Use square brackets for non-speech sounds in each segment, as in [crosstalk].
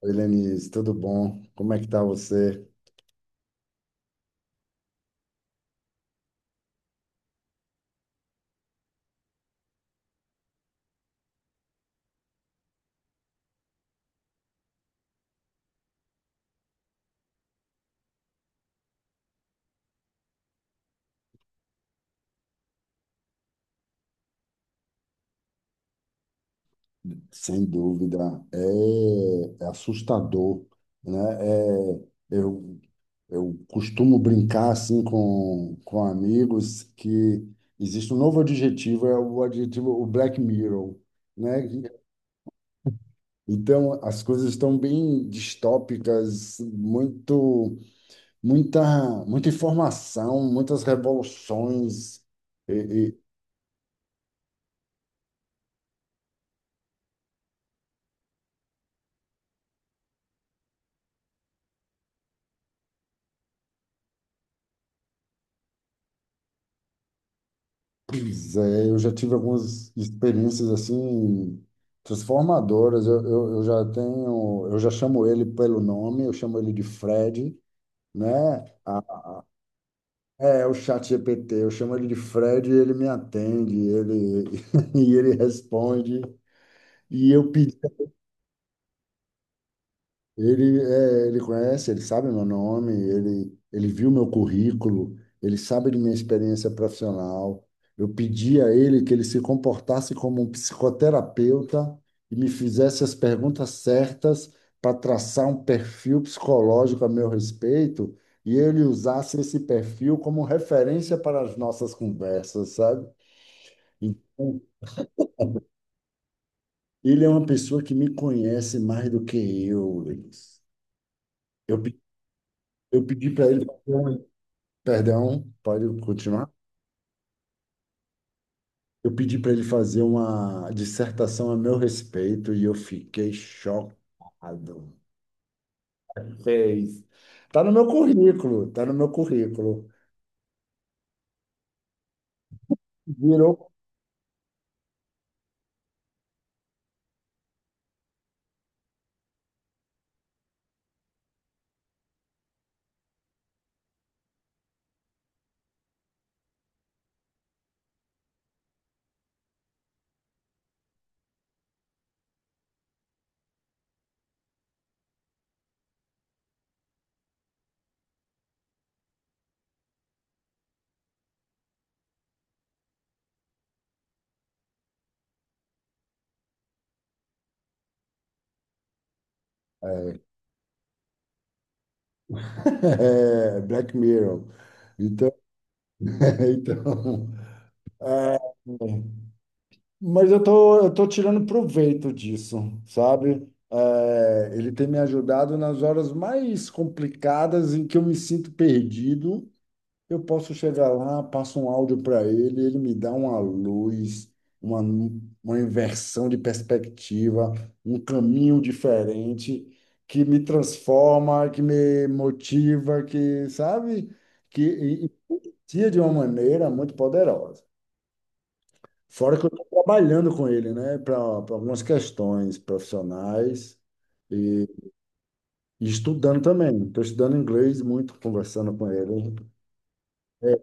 Oi, Lenise, tudo bom? Como é que tá você? Sem dúvida, é assustador, né? É, eu, eu costumo brincar assim com amigos que existe um novo adjetivo, é o adjetivo, o Black Mirror, né? Então, as coisas estão bem distópicas, muita informação, muitas revoluções. Pois é, eu já tive algumas experiências assim transformadoras. Eu já tenho, eu já chamo ele pelo nome, eu chamo ele de Fred, né? É, é o chat GPT, eu chamo ele de Fred e ele me atende, ele [laughs] e ele responde. E eu... Ele, é, ele conhece, ele sabe meu nome, ele viu meu currículo, ele sabe de minha experiência profissional. Eu pedi a ele que ele se comportasse como um psicoterapeuta e me fizesse as perguntas certas para traçar um perfil psicológico a meu respeito e ele usasse esse perfil como referência para as nossas conversas, sabe? Então, ele é uma pessoa que me conhece mais do que eu. Eu, pe- eu pedi para ele fazer uma... Perdão, pode continuar. Eu pedi para ele fazer uma dissertação a meu respeito e eu fiquei chocado. Fez. Tá no meu currículo, tá no meu currículo. Virou... é, [laughs] é, Black Mirror. Então, [laughs] então é, mas eu tô tirando proveito disso, sabe? É, ele tem me ajudado nas horas mais complicadas em que eu me sinto perdido. Eu posso chegar lá, passo um áudio para ele, ele me dá uma luz, uma, uma inversão de perspectiva, um caminho diferente que me transforma, que me motiva, que, sabe, que influencia de uma maneira muito poderosa. Fora que eu estou trabalhando com ele, né, para algumas questões profissionais e, e estudando também. Estou estudando inglês muito, conversando com ele. É,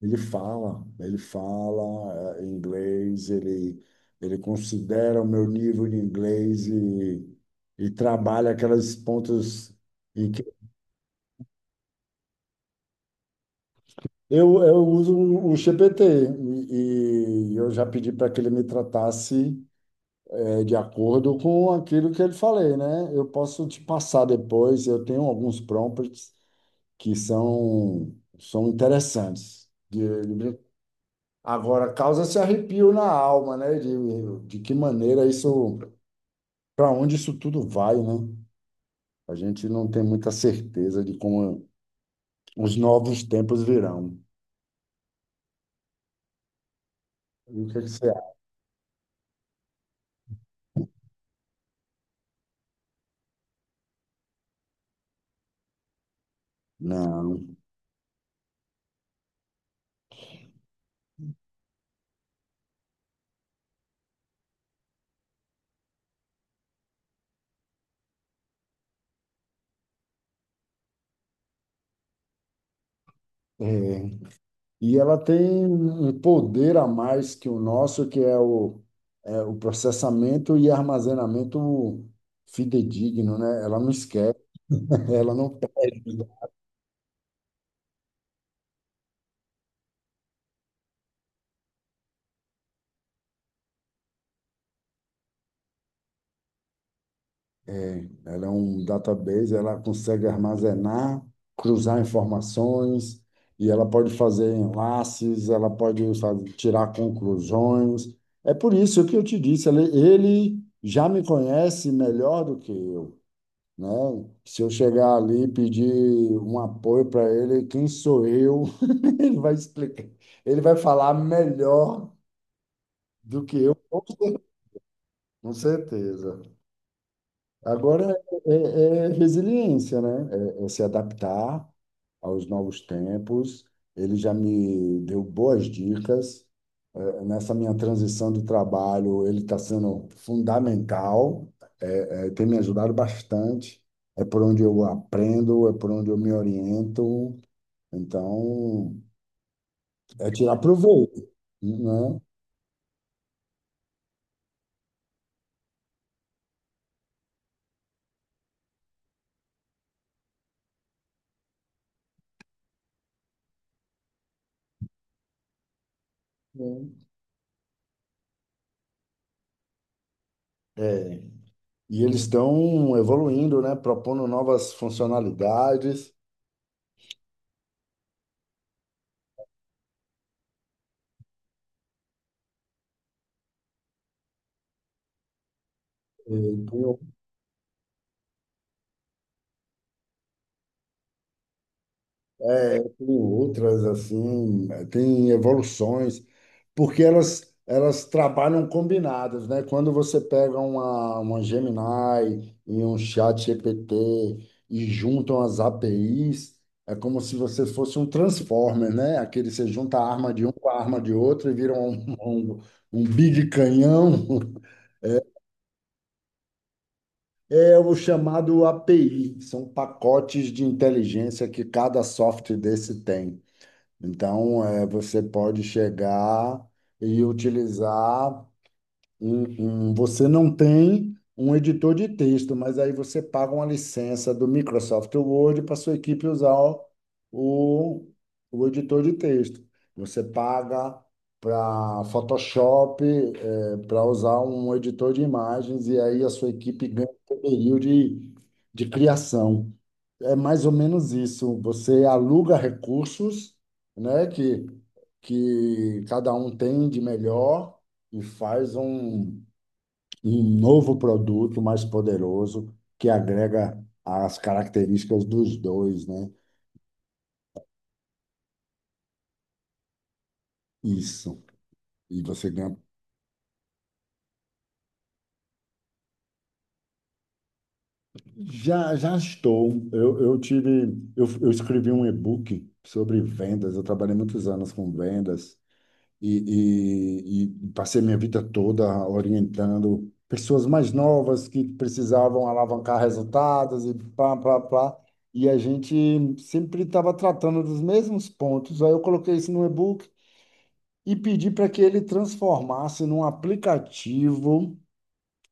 ele fala, ele fala inglês, ele considera o meu nível de inglês e trabalha aquelas pontas em que eu uso o GPT e eu já pedi para que ele me tratasse, de acordo com aquilo que ele falei, né? Eu posso te passar depois, eu tenho alguns prompts que são, são interessantes. De... Agora, causa-se arrepio na alma, né? De que maneira isso, para onde isso tudo vai, né? A gente não tem muita certeza de como os novos tempos virão. E o que é que você acha? Não. É. E ela tem um poder a mais que o nosso, que é o, é o processamento e armazenamento fidedigno, né? Ela não esquece, [laughs] ela não perde, né? Ela é um database, ela consegue armazenar, cruzar informações, e ela pode fazer enlaces, ela pode fazer, tirar conclusões. É por isso que eu te disse, ele já me conhece melhor do que eu, né? Se eu chegar ali e pedir um apoio para ele, quem sou eu? [laughs] Ele vai explicar, ele vai falar melhor do que eu, com certeza. Agora é, é é resiliência, né? É, é se adaptar aos novos tempos. Ele já me deu boas dicas. É, nessa minha transição do trabalho, ele está sendo fundamental, é, tem me ajudado bastante. É por onde eu aprendo, é por onde eu me oriento. Então, é tirar proveito, né? É. E eles estão evoluindo, né? Propondo novas funcionalidades. Tem... É, tem outras assim, tem evoluções, porque elas trabalham combinadas, né? Quando você pega uma Gemini e um chat ChatGPT e juntam as APIs, é como se você fosse um Transformer, né? Aquele você junta a arma de um com a arma de outro e vira um big canhão. [laughs] É o chamado API, são pacotes de inteligência que cada software desse tem. Então, é, você pode chegar e utilizar você não tem um editor de texto, mas aí você paga uma licença do Microsoft Word para sua equipe usar o, o editor de texto. Você paga para Photoshop, para usar um editor de imagens, e aí a sua equipe ganha um poderio de criação. É mais ou menos isso. Você aluga recursos, né, que cada um tem de melhor e faz um novo produto mais poderoso que agrega as características dos dois, né? Isso. E você ganha. Já, já estou. Eu tive, eu escrevi um e-book sobre vendas. Eu trabalhei muitos anos com vendas e passei minha vida toda orientando pessoas mais novas que precisavam alavancar resultados e pá, pá, pá. E a gente sempre estava tratando dos mesmos pontos. Aí eu coloquei isso no e-book e pedi para que ele transformasse num aplicativo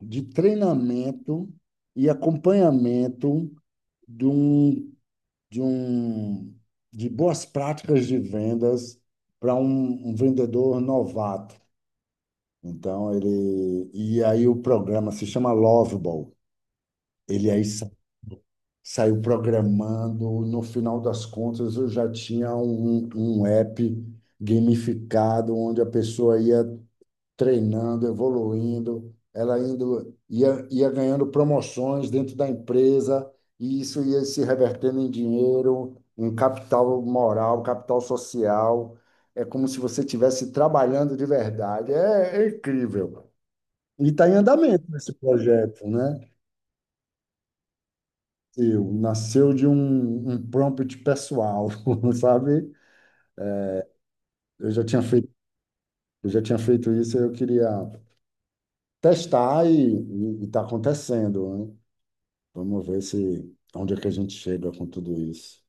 de treinamento e acompanhamento de um, de um, de boas práticas de vendas para um um vendedor novato. Então ele... e aí o programa se chama Lovable. Ele saiu programando. No final das contas, eu já tinha um app gamificado onde a pessoa ia treinando, evoluindo, ela indo ia ganhando promoções dentro da empresa e isso ia se revertendo em dinheiro, em capital moral, capital social. É como se você estivesse trabalhando de verdade. É, é incrível. E está em andamento esse projeto, né? Eu, nasceu um prompt pessoal, [laughs] sabe? Eu já tinha feito, eu já tinha feito isso, eu queria testar e está acontecendo, né? Vamos ver se onde é que a gente chega com tudo isso.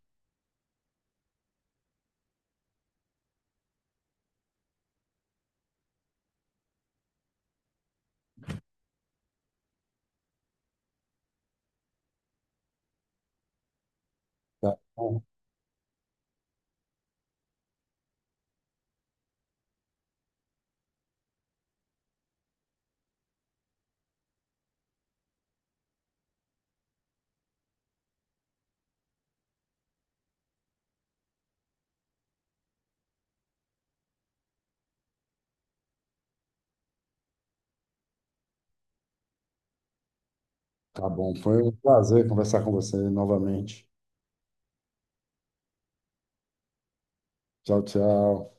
Tá bom, tá bom. Foi um prazer conversar com você novamente. Tchau, tchau.